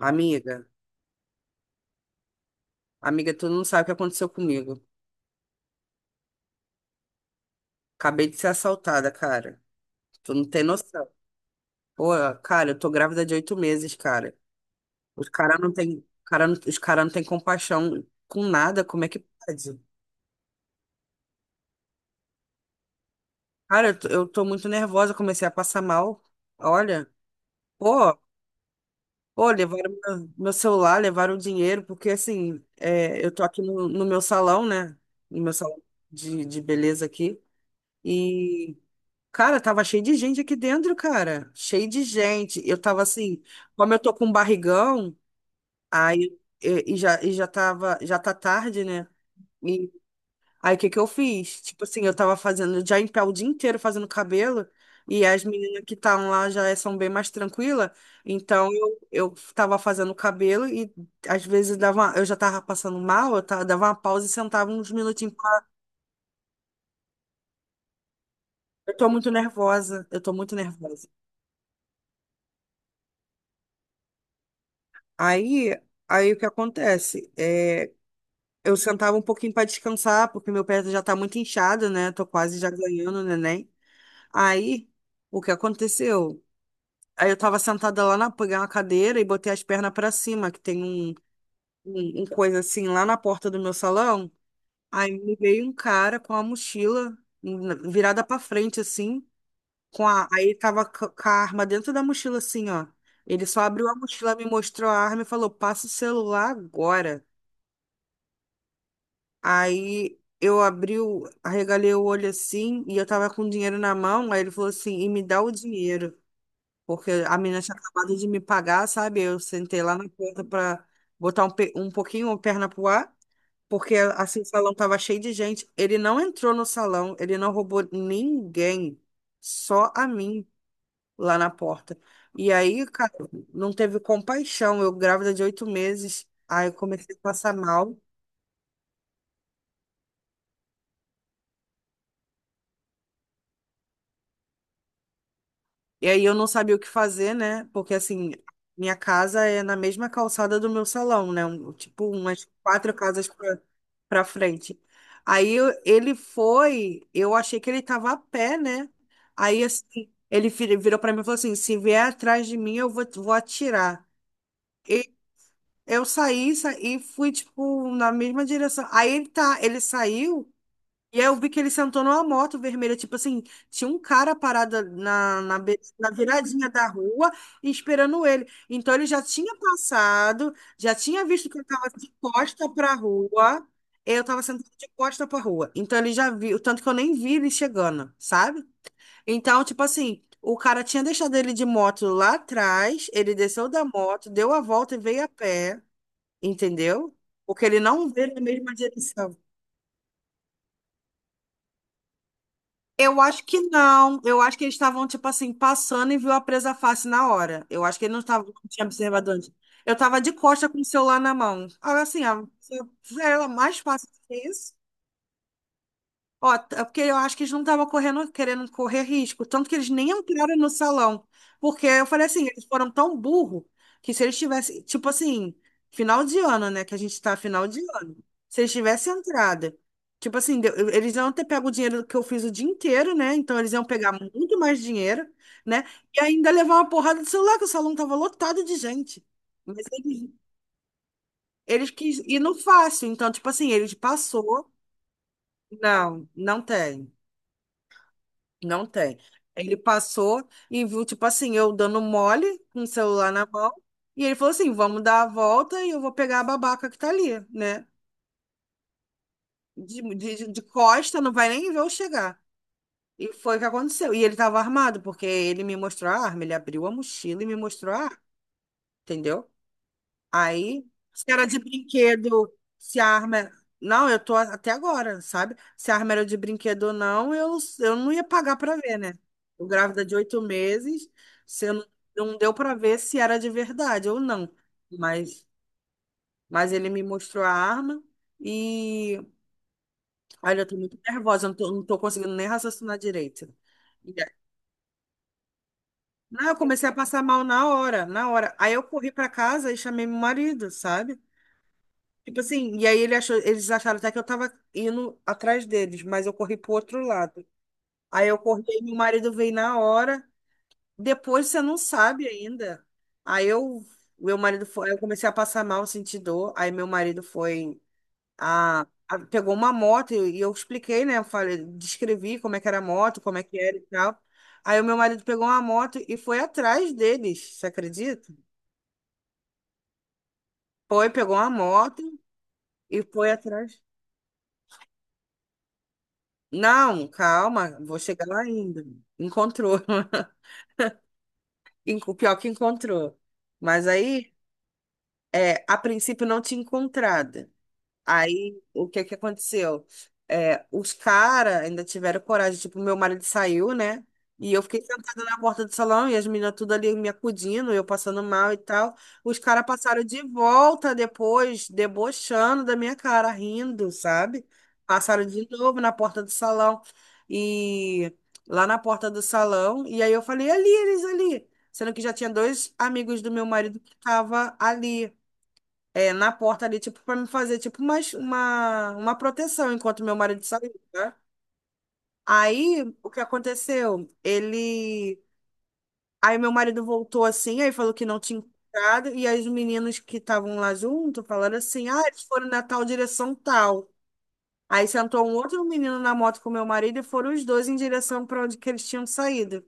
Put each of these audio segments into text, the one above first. Amiga, amiga, tu não sabe o que aconteceu comigo. Acabei de ser assaltada, cara. Tu não tem noção. Pô, cara, eu tô grávida de 8 meses, cara. Os caras não tem, cara, os cara não tem compaixão com nada. Como é que pode? Cara, eu tô muito nervosa. Comecei a passar mal. Olha, pô, pô, levaram meu celular, levaram o dinheiro, porque assim, eu tô aqui no meu salão, né? No meu salão de beleza aqui. e Cara, tava cheio de gente aqui dentro, cara. Cheio de gente. Eu tava assim, como eu tô com um barrigão, aí já tá tarde, né? E aí o que que eu fiz? Tipo assim, eu tava fazendo já em pé o dia inteiro fazendo cabelo, e as meninas que estavam lá já são bem mais tranquilas. Então eu tava fazendo cabelo e às vezes eu já tava passando mal, dava uma pausa e sentava uns minutinhos. Eu tô muito nervosa, eu tô muito nervosa. Aí, aí, o que acontece? É, eu sentava um pouquinho para descansar, porque meu pé já tá muito inchado, né? Tô quase já ganhando o neném. Aí, o que aconteceu? Aí eu tava sentada peguei uma cadeira e botei as pernas para cima, que tem um coisa assim lá na porta do meu salão. Aí me veio um cara com a mochila virada para frente, assim, com a, aí tava c- com a arma dentro da mochila, assim, ó. Ele só abriu a mochila, me mostrou a arma e falou: passa o celular agora. Aí eu abri, arregalei o olho assim e eu tava com dinheiro na mão. Aí ele falou assim: e me dá o dinheiro, porque a menina tinha acabado de me pagar, sabe? Eu sentei lá na porta pra botar um pouquinho a perna pro ar, porque assim o salão tava cheio de gente. Ele não entrou no salão, ele não roubou ninguém, só a mim lá na porta. E aí, cara, não teve compaixão. Eu grávida de 8 meses, aí eu comecei a passar mal. E aí eu não sabia o que fazer, né? Porque assim, minha casa é na mesma calçada do meu salão, né? Tipo, umas quatro casas pra frente. Aí, ele foi, eu achei que ele tava a pé, né? Aí assim, ele virou pra mim e falou assim: se vier atrás de mim, eu vou atirar. E eu e fui, tipo, na mesma direção. Ele saiu. E aí eu vi que ele sentou numa moto vermelha, tipo assim, tinha um cara parado na viradinha da rua e esperando ele. Então ele já tinha passado, já tinha visto que eu tava de costa pra rua, eu tava sentado de costa pra rua. Então ele já viu, tanto que eu nem vi ele chegando, sabe? Então, tipo assim, o cara tinha deixado ele de moto lá atrás, ele desceu da moto, deu a volta e veio a pé, entendeu? Porque ele não veio na mesma direção. Eu acho que não. Eu acho que eles estavam, tipo assim, passando e viu a presa fácil na hora. Eu acho que ele não estava, não tinha observado antes. Eu tava de costa com o celular na mão. Agora, assim, era mais fácil que isso. Ó, é porque eu acho que eles não estavam correndo, querendo correr risco, tanto que eles nem entraram no salão. Porque eu falei assim, eles foram tão burro que se eles tivessem, tipo assim, final de ano, né? Que a gente tá final de ano. Se eles tivessem entrada, tipo assim, eles iam ter pego o dinheiro que eu fiz o dia inteiro, né? Então eles iam pegar muito mais dinheiro, né? E ainda levar uma porrada de celular, que o salão tava lotado de gente. Mas eles quis ir no fácil. Então, tipo assim, eles passou. Não, não tem. Não tem. Ele passou e viu, tipo assim, eu dando mole com o celular na mão. E ele falou assim: vamos dar a volta e eu vou pegar a babaca que tá ali, né? De costa, não vai nem ver eu chegar. E foi o que aconteceu. E ele tava armado, porque ele me mostrou a arma, ele abriu a mochila e me mostrou a arma, entendeu? Aí, se era de brinquedo, se a arma. Não, eu tô até agora, sabe? Se a arma era de brinquedo ou não, eu não ia pagar pra ver, né? Eu grávida de oito meses, você não, não deu pra ver se era de verdade ou não. Mas, mas ele me mostrou a arma e. Olha, eu tô muito nervosa, eu não tô conseguindo nem raciocinar direito. E aí- Não, eu comecei a passar mal na hora, na hora. Aí eu corri pra casa e chamei meu marido, sabe? Tipo assim, e aí eles acharam até que eu tava indo atrás deles, mas eu corri pro outro lado. Aí eu corri, aí meu marido veio na hora. Depois você não sabe ainda. Aí eu, Meu marido foi, eu comecei a passar mal, senti dor. Aí meu marido foi, a, pegou uma moto e eu expliquei, né? Eu falei, descrevi como é que era a moto, como é que era e tal. Aí o meu marido pegou uma moto e foi atrás deles, você acredita? Foi, pegou uma moto e foi atrás. Não, calma, vou chegar lá ainda. Encontrou. Pior que encontrou. Mas aí, a princípio não tinha encontrado. Aí, o que que aconteceu? É, os caras ainda tiveram coragem. Tipo, meu marido saiu, né? E eu fiquei sentada na porta do salão e as meninas tudo ali me acudindo, eu passando mal e tal. Os caras passaram de volta depois, debochando da minha cara, rindo, sabe? Passaram de novo na porta do salão. E lá na porta do salão. E aí eu falei, ali, eles ali. Sendo que já tinha dois amigos do meu marido que estavam ali na porta ali, tipo, pra me fazer, tipo, uma proteção enquanto meu marido saiu, né? Aí, o que aconteceu? Ele. Aí, meu marido voltou assim, aí falou que não tinha encontrado, e aí os meninos que estavam lá junto falaram assim: ah, eles foram na tal direção tal. Aí sentou um outro menino na moto com meu marido e foram os dois em direção para onde que eles tinham saído.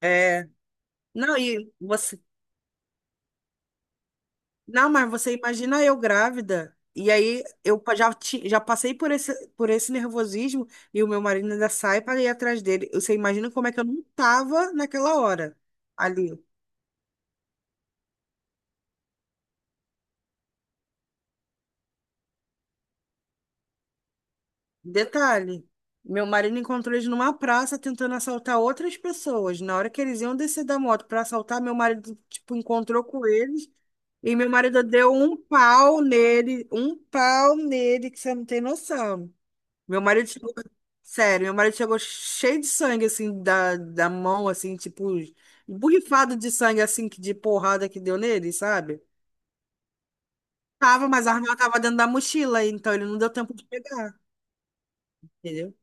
É, Não, e você Não, mas você imagina eu grávida, e aí eu já passei por esse nervosismo, e o meu marido ainda sai para ir atrás dele. Você imagina como é que eu não tava naquela hora ali. Detalhe, meu marido encontrou eles numa praça tentando assaltar outras pessoas. Na hora que eles iam descer da moto para assaltar, meu marido, tipo, encontrou com eles, e meu marido deu um pau nele, que você não tem noção. Meu marido chegou, sério, meu marido chegou cheio de sangue, assim, da mão, assim, tipo, borrifado de sangue, assim, de porrada que deu nele, sabe? Tava, mas a arma tava dentro da mochila, então ele não deu tempo de pegar, entendeu?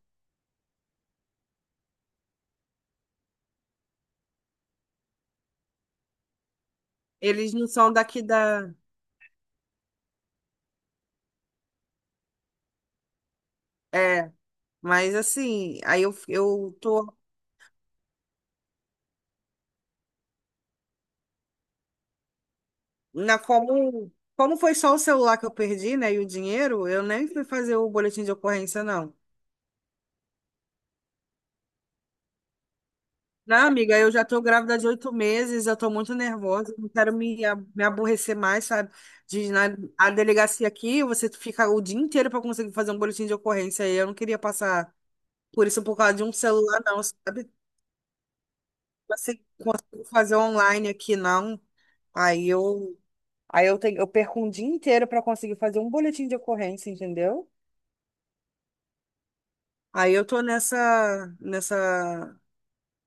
Eles não são daqui da. É, mas assim, aí eu tô. Como foi só o celular que eu perdi, né, e o dinheiro, eu nem fui fazer o boletim de ocorrência, não. Não, amiga, eu já tô grávida de 8 meses, eu tô muito nervosa, não quero me, me aborrecer mais, sabe? De ir na a delegacia aqui, você fica o dia inteiro pra conseguir fazer um boletim de ocorrência, e eu não queria passar por isso por causa de um celular, não, sabe? Você consegue fazer online aqui, não. Aí eu, aí eu tenho, eu perco um dia inteiro pra conseguir fazer um boletim de ocorrência, entendeu? Aí eu tô nessa,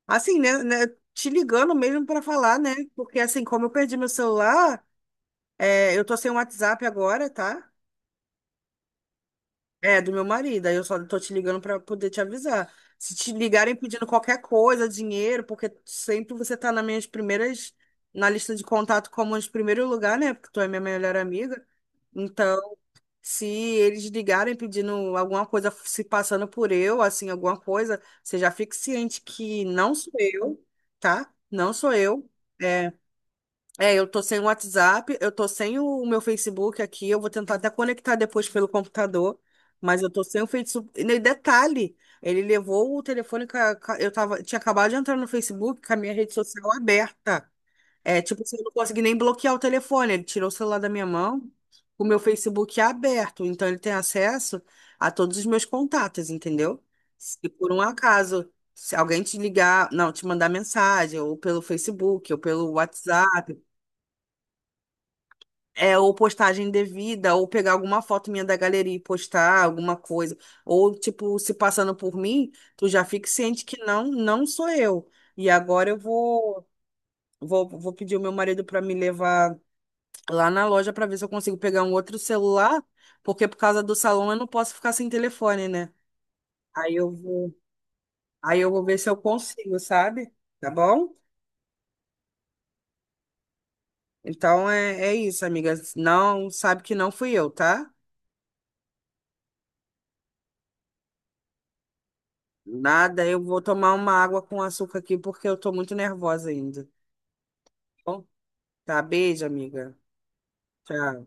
assim, né, te ligando mesmo pra falar, né? Porque assim, como eu perdi meu celular, é, eu tô sem o WhatsApp agora, tá? É, do meu marido. Aí eu só tô te ligando pra poder te avisar. Se te ligarem pedindo qualquer coisa, dinheiro, porque sempre você tá nas minhas primeiras, na lista de contato como de primeiro lugar, né? Porque tu é minha melhor amiga. Então, se eles ligarem pedindo alguma coisa, se passando por eu, assim, alguma coisa, você já fique ciente que não sou eu, tá? Não sou eu. É, É, eu tô sem o WhatsApp, eu tô sem o meu Facebook aqui, eu vou tentar até conectar depois pelo computador, mas eu tô sem o Facebook. E nem detalhe, ele levou o telefone, eu tava, tinha acabado de entrar no Facebook com a minha rede social aberta. É, tipo assim, eu não consegui nem bloquear o telefone, ele tirou o celular da minha mão, o meu Facebook é aberto, então ele tem acesso a todos os meus contatos, entendeu? Se por um acaso, se alguém te ligar, não, te mandar mensagem, ou pelo Facebook, ou pelo WhatsApp, ou postagem devida, ou pegar alguma foto minha da galeria e postar alguma coisa. Ou, tipo, se passando por mim, tu já fica ciente que não, não sou eu. E agora eu vou pedir o meu marido para me levar lá na loja para ver se eu consigo pegar um outro celular, porque por causa do salão eu não posso ficar sem telefone, né? Aí eu vou, aí eu vou ver se eu consigo, sabe? Tá bom? Então é isso, amiga. Não, sabe que não fui eu, tá? Nada, eu vou tomar uma água com açúcar aqui porque eu tô muito nervosa ainda. Bom, tá, beijo, amiga. Tchau.